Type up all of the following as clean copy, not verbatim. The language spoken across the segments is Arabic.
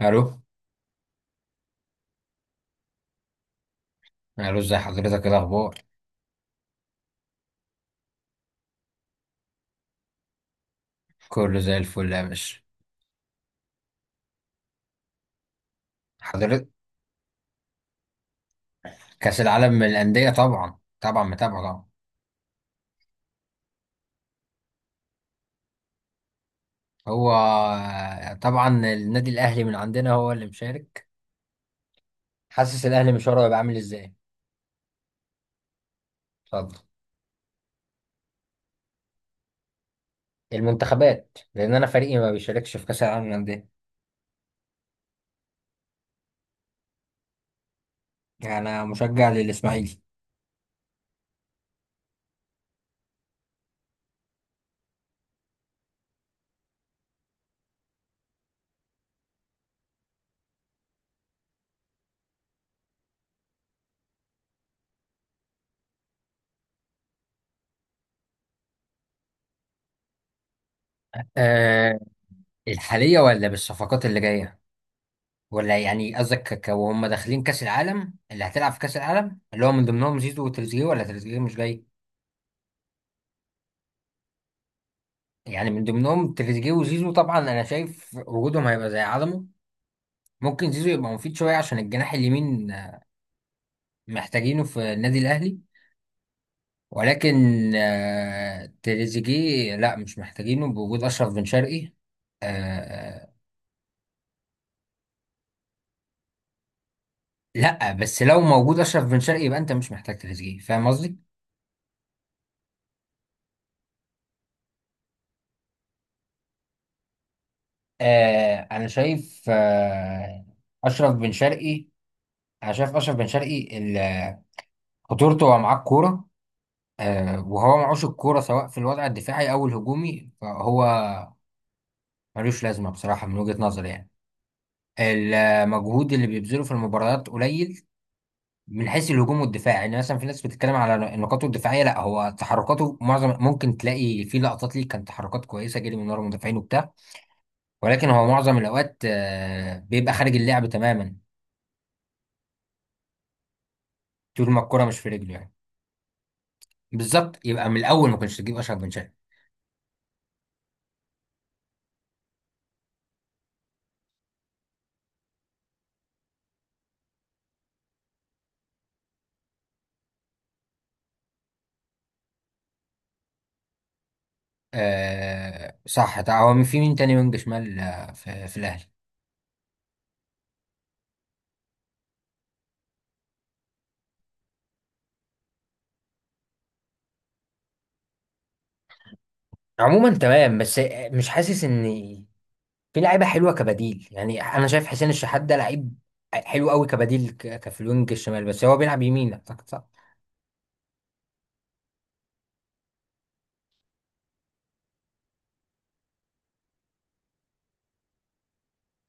الو، الو، ازي حضرتك؟ ايه الاخبار؟ كله زي الفل يا باشا. حضرتك؟ كاس العالم من الانديه؟ طبعا، طبعا متابعه طبعا. هو طبعا النادي الاهلي من عندنا هو اللي مشارك. حاسس الاهلي مشواره هيبقى عامل ازاي. اتفضل. المنتخبات، لان انا فريقي ما بيشاركش في كاس العالم للانديه. يعني انا مشجع للاسماعيلي. أه الحاليه ولا بالصفقات اللي جايه؟ ولا يعني قصدك وهم داخلين كاس العالم، اللي هتلعب في كاس العالم، اللي هو من ضمنهم زيزو وتريزيجيه، ولا تريزيجيه مش جاي؟ يعني من ضمنهم تريزيجيه وزيزو. طبعا انا شايف وجودهم هيبقى زي عدمه. ممكن زيزو يبقى مفيد شويه عشان الجناح اليمين، محتاجينه في النادي الاهلي. ولكن، تريزيجيه لا مش محتاجينه بوجود اشرف بن شرقي. آه، لا بس لو موجود اشرف بن شرقي يبقى انت مش محتاج تريزيجيه، فاهم قصدي. انا شايف، اشرف بن شرقي. انا شايف اشرف بن شرقي خطورته هو معاه الكوره. وهو معوش الكورة سواء في الوضع الدفاعي أو الهجومي، فهو ملوش لازمة بصراحة من وجهة نظري يعني. المجهود اللي بيبذله في المباريات قليل، من حيث الهجوم والدفاع. يعني مثلا في ناس بتتكلم على نقاطه الدفاعية، لا هو تحركاته معظم ممكن تلاقي في لقطات ليه كانت تحركات كويسة، جري من ورا المدافعين وبتاع، ولكن هو معظم الأوقات، بيبقى خارج اللعب تماما. طول ما الكورة مش في رجله يعني. بالظبط، يبقى من الأول ما كنتش تجيب أشرف بن شرقي. آه صح، ده هو في مين تاني وينج شمال، في الأهلي؟ عموما تمام، بس مش حاسس ان في لعيبه حلوه كبديل. يعني انا شايف حسين الشحات ده لعيب حلو قوي كبديل كفي الوينج الشمال، بس هو بيلعب يمين اعتقد صح.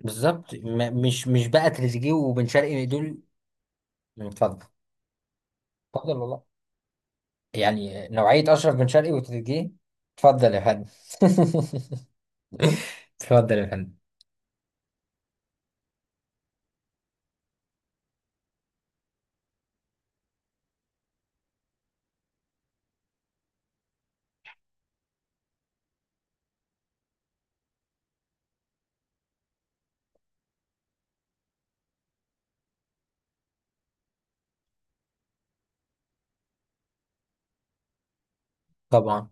بالظبط، مش بقى تريزيجيه وبن شرقي دول. اتفضل. اتفضل والله، يعني نوعيه اشرف بن شرقي وتريزيجيه. اتفضل يا فندم. اتفضل يا فندم. طبعا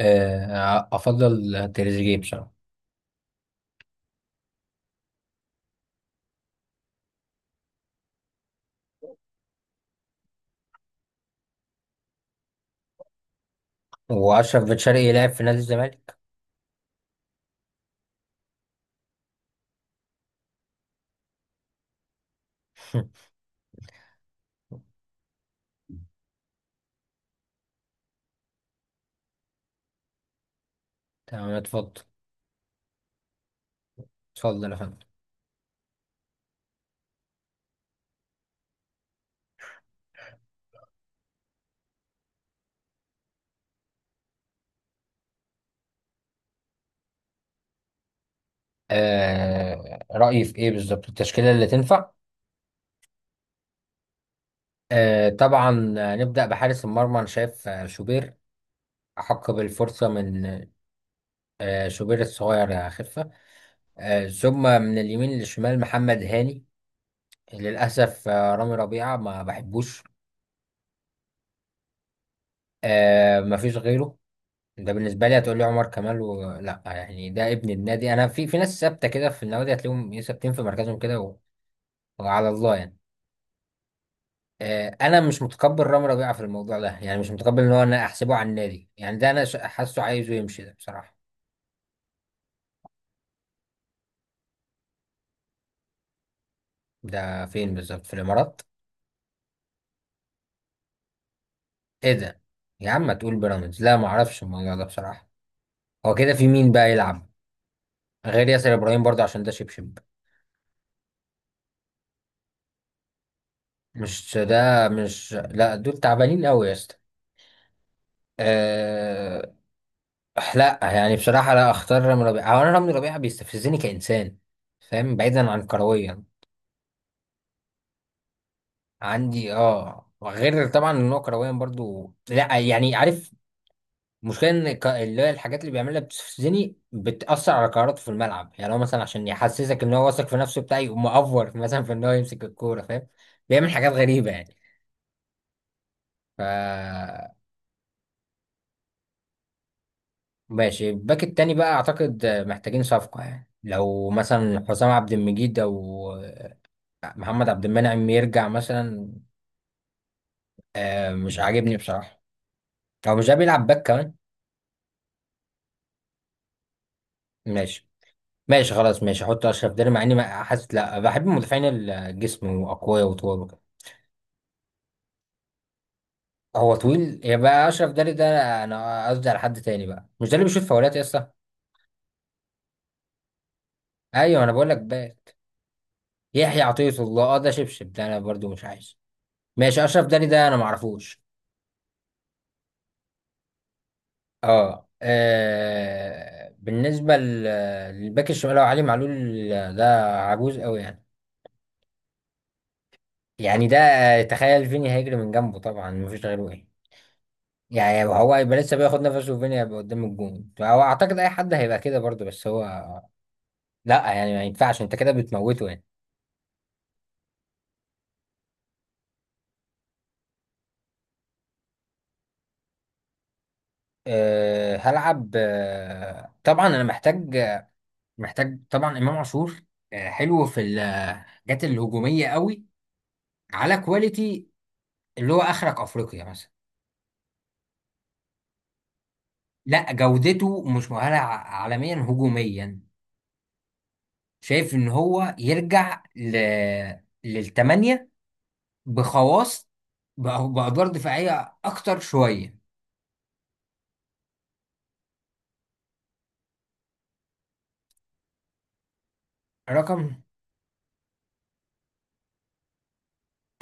آه، افضل تريزيجيه بصراحه. واشرف بن شرقي لعب في نادي الزمالك. تمام، اتفضل. اتفضل يا فندم. رأيي في ايه بالظبط، التشكيلة اللي تنفع؟ طبعا، نبدأ بحارس المرمى. انا شايف شوبير أحق بالفرصة من... شوبير الصغير، يا خفة. ثم من اليمين للشمال، محمد هاني. للأسف رامي ربيعة ما بحبوش. ما فيش غيره. ده بالنسبة لي، هتقول لي عمر كمال لا يعني ده ابن النادي. انا في ناس ثابتة كده في النوادي، هتلاقيهم ثابتين في مركزهم كده وعلى الله يعني. انا مش متقبل رامي ربيعه في الموضوع ده يعني، مش متقبل ان هو. انا احسبه على النادي يعني، ده انا حاسه عايزه يمشي ده بصراحه. ده فين بالظبط، في الامارات؟ ايه ده؟ يا عم ما تقول بيراميدز، لا ما اعرفش الموضوع ده بصراحه. هو كده في مين بقى يلعب غير ياسر ابراهيم برضه، عشان ده شبشب؟ مش ده مش لا دول تعبانين قوي يا اسطى. أه... لا يعني بصراحه، لا اختار رامي ربيعه. هو انا رامي ربيعه بيستفزني كانسان، فاهم، بعيدا عن كرويا. عندي وغير طبعا ان هو كرويا برضو، لا يعني عارف. المشكله ان اللي هي الحاجات اللي بيعملها بتستفزني، بتاثر على قراراته في الملعب. يعني هو مثلا عشان يحسسك ان هو واثق في نفسه بتاعي، يقوم مأفور مثلا في ان هو يمسك الكوره، فاهم. بيعمل حاجات غريبه يعني. ف ماشي، الباك التاني بقى اعتقد محتاجين صفقه، يعني لو مثلا حسام عبد المجيد او محمد عبد المنعم يرجع مثلا. مش عاجبني بصراحه. هو مش ده بيلعب باك كمان؟ ماشي ماشي خلاص، ماشي احط اشرف داري، مع اني حاسس، لا بحب المدافعين الجسم واقوياء وطوال وكده. هو طويل يبقى اشرف داري ده؟ انا قصدي على حد تاني بقى، مش ده اللي بيشوط فاولات يا اسطى؟ ايوه انا بقول لك بات يحيى عطية الله. اه ده شبشب ده، انا برضو مش عايز. ماشي، اشرف داري ده انا ما اعرفوش. بالنسبه للباك الشمال، هو علي معلول. ده عجوز قوي يعني. يعني ده، تخيل فيني هيجري من جنبه، طبعا مفيش غيره ايه. يعني هو هيبقى لسه بياخد نفسه وفيني هيبقى قدام الجون. هو اعتقد اي حد هيبقى كده برضه، بس هو لا يعني، ما ينفعش انت كده بتموته يعني. هلعب، طبعا انا محتاج، طبعا امام عاشور. حلو في الحاجات الهجوميه قوي، على كواليتي، اللي هو اخرك افريقيا مثلا. لا جودته مش مؤهله عالميا هجوميا. شايف ان هو يرجع للتمانية، بخواص، بأدوار دفاعية أكتر شوية. رقم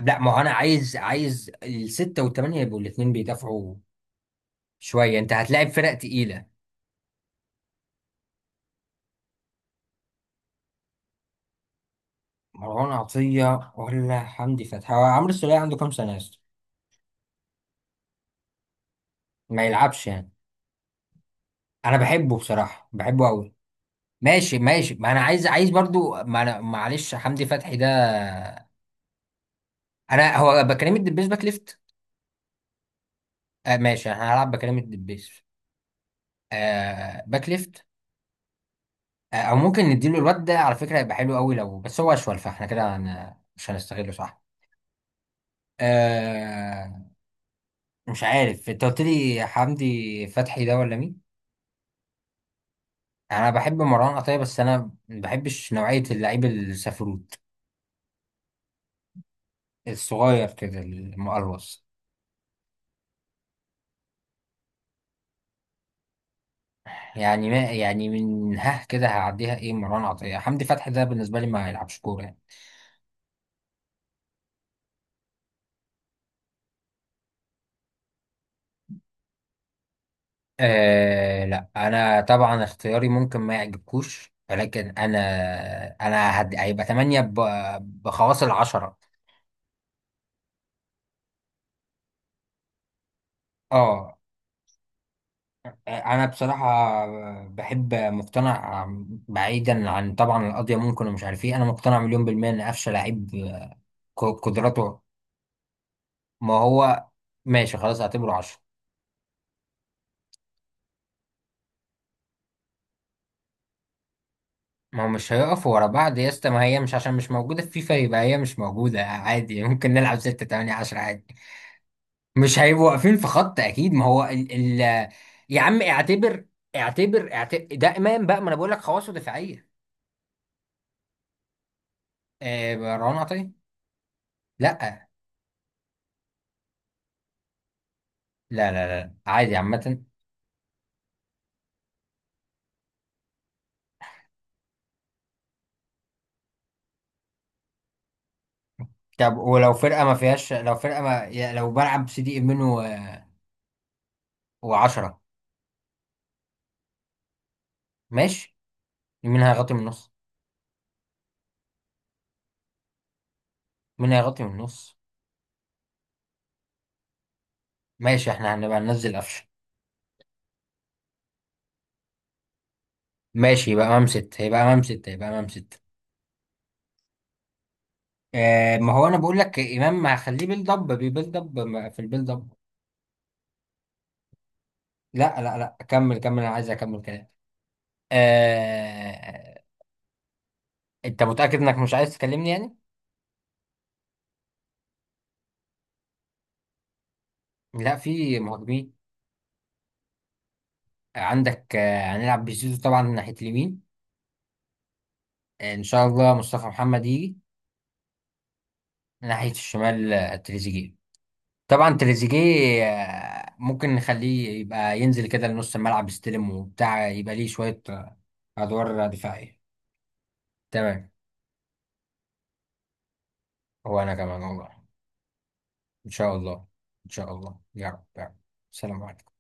لا ما هو انا عايز، الستة والثمانية يبقوا الاثنين بيدافعوا شوية، انت هتلاقي فرق تقيلة. مروان عطية ولا حمدي فتحي؟ هو عمرو السولية عنده كام سنة يا اسطى؟ ما يلعبش يعني. انا بحبه بصراحة، بحبه قوي. ماشي ماشي، ما انا عايز، برضو، ما انا معلش، حمدي فتحي ده انا هو بكلم الدبيس باك ليفت. ماشي انا هلعب بكلم الدبيس. باك ليفت. او ممكن نديله الواد ده، على فكرة هيبقى حلو قوي لو بس هو اشول، فاحنا كده مش هنستغله صح. آه مش عارف، انت قلت لي حمدي فتحي ده ولا مين؟ انا بحب مروان عطية، بس انا ما بحبش نوعية اللعيب السفروت، الصغير كده المقلوص. يعني، ما يعني من ها كده هعديها. ايه مروان عطية حمدي فتحي ده، بالنسبة لي ما يلعبش كورة يعني. لا انا طبعا اختياري ممكن ما يعجبكوش، ولكن انا هيبقى 8 بخواص العشرة. اه انا بصراحه بحب، مقتنع، بعيدا عن طبعا القضيه ممكن ومش عارف ايه، انا مقتنع مليون بالميه ان قفشه لعيب. قدراته، ما هو، ماشي خلاص اعتبره عشرة. ما هو مش هيقف ورا بعض يا اسطى، ما هي مش عشان مش موجوده في فيفا يبقى هي مش موجوده، عادي ممكن نلعب 6 8 10 عادي. مش هيبقوا واقفين في خط اكيد. ما هو ال ال يا عم اعتبر، اعتبر اعتبر ده امام بقى، ما انا بقول لك خواصه دفاعيه. مروان عطيه. لا، لا لا لا عادي عامة. طب ولو فرقة ما فيهاش، لو فرقة ما لو بلعب سي دي منه وعشرة. ماشي. مين هيغطي من النص؟ مين هيغطي من النص؟ ماشي احنا هنبقى ننزل قفشة. ماشي يبقى امام ستة، يبقى امام ستة، يبقى امام ستة. ما هو انا بقول لك امام ما هخليه بيلد اب، بيبيلد اب في البيلد اب. لا لا لا، كمل كمل، انا عايز اكمل كلام. آه انت متأكد انك مش عايز تكلمني يعني؟ لا في مهاجمين عندك. هنلعب بزيزو طبعا ناحية اليمين. ان شاء الله مصطفى محمد يجي. ناحية الشمال، تريزيجيه. طبعا تريزيجيه، ممكن نخليه يبقى ينزل كده لنص الملعب، يستلم وبتاع، يبقى ليه شوية، أدوار دفاعية. تمام. هو أنا كمان والله. إن شاء الله. إن شاء الله يا رب يا رب. سلام عليكم.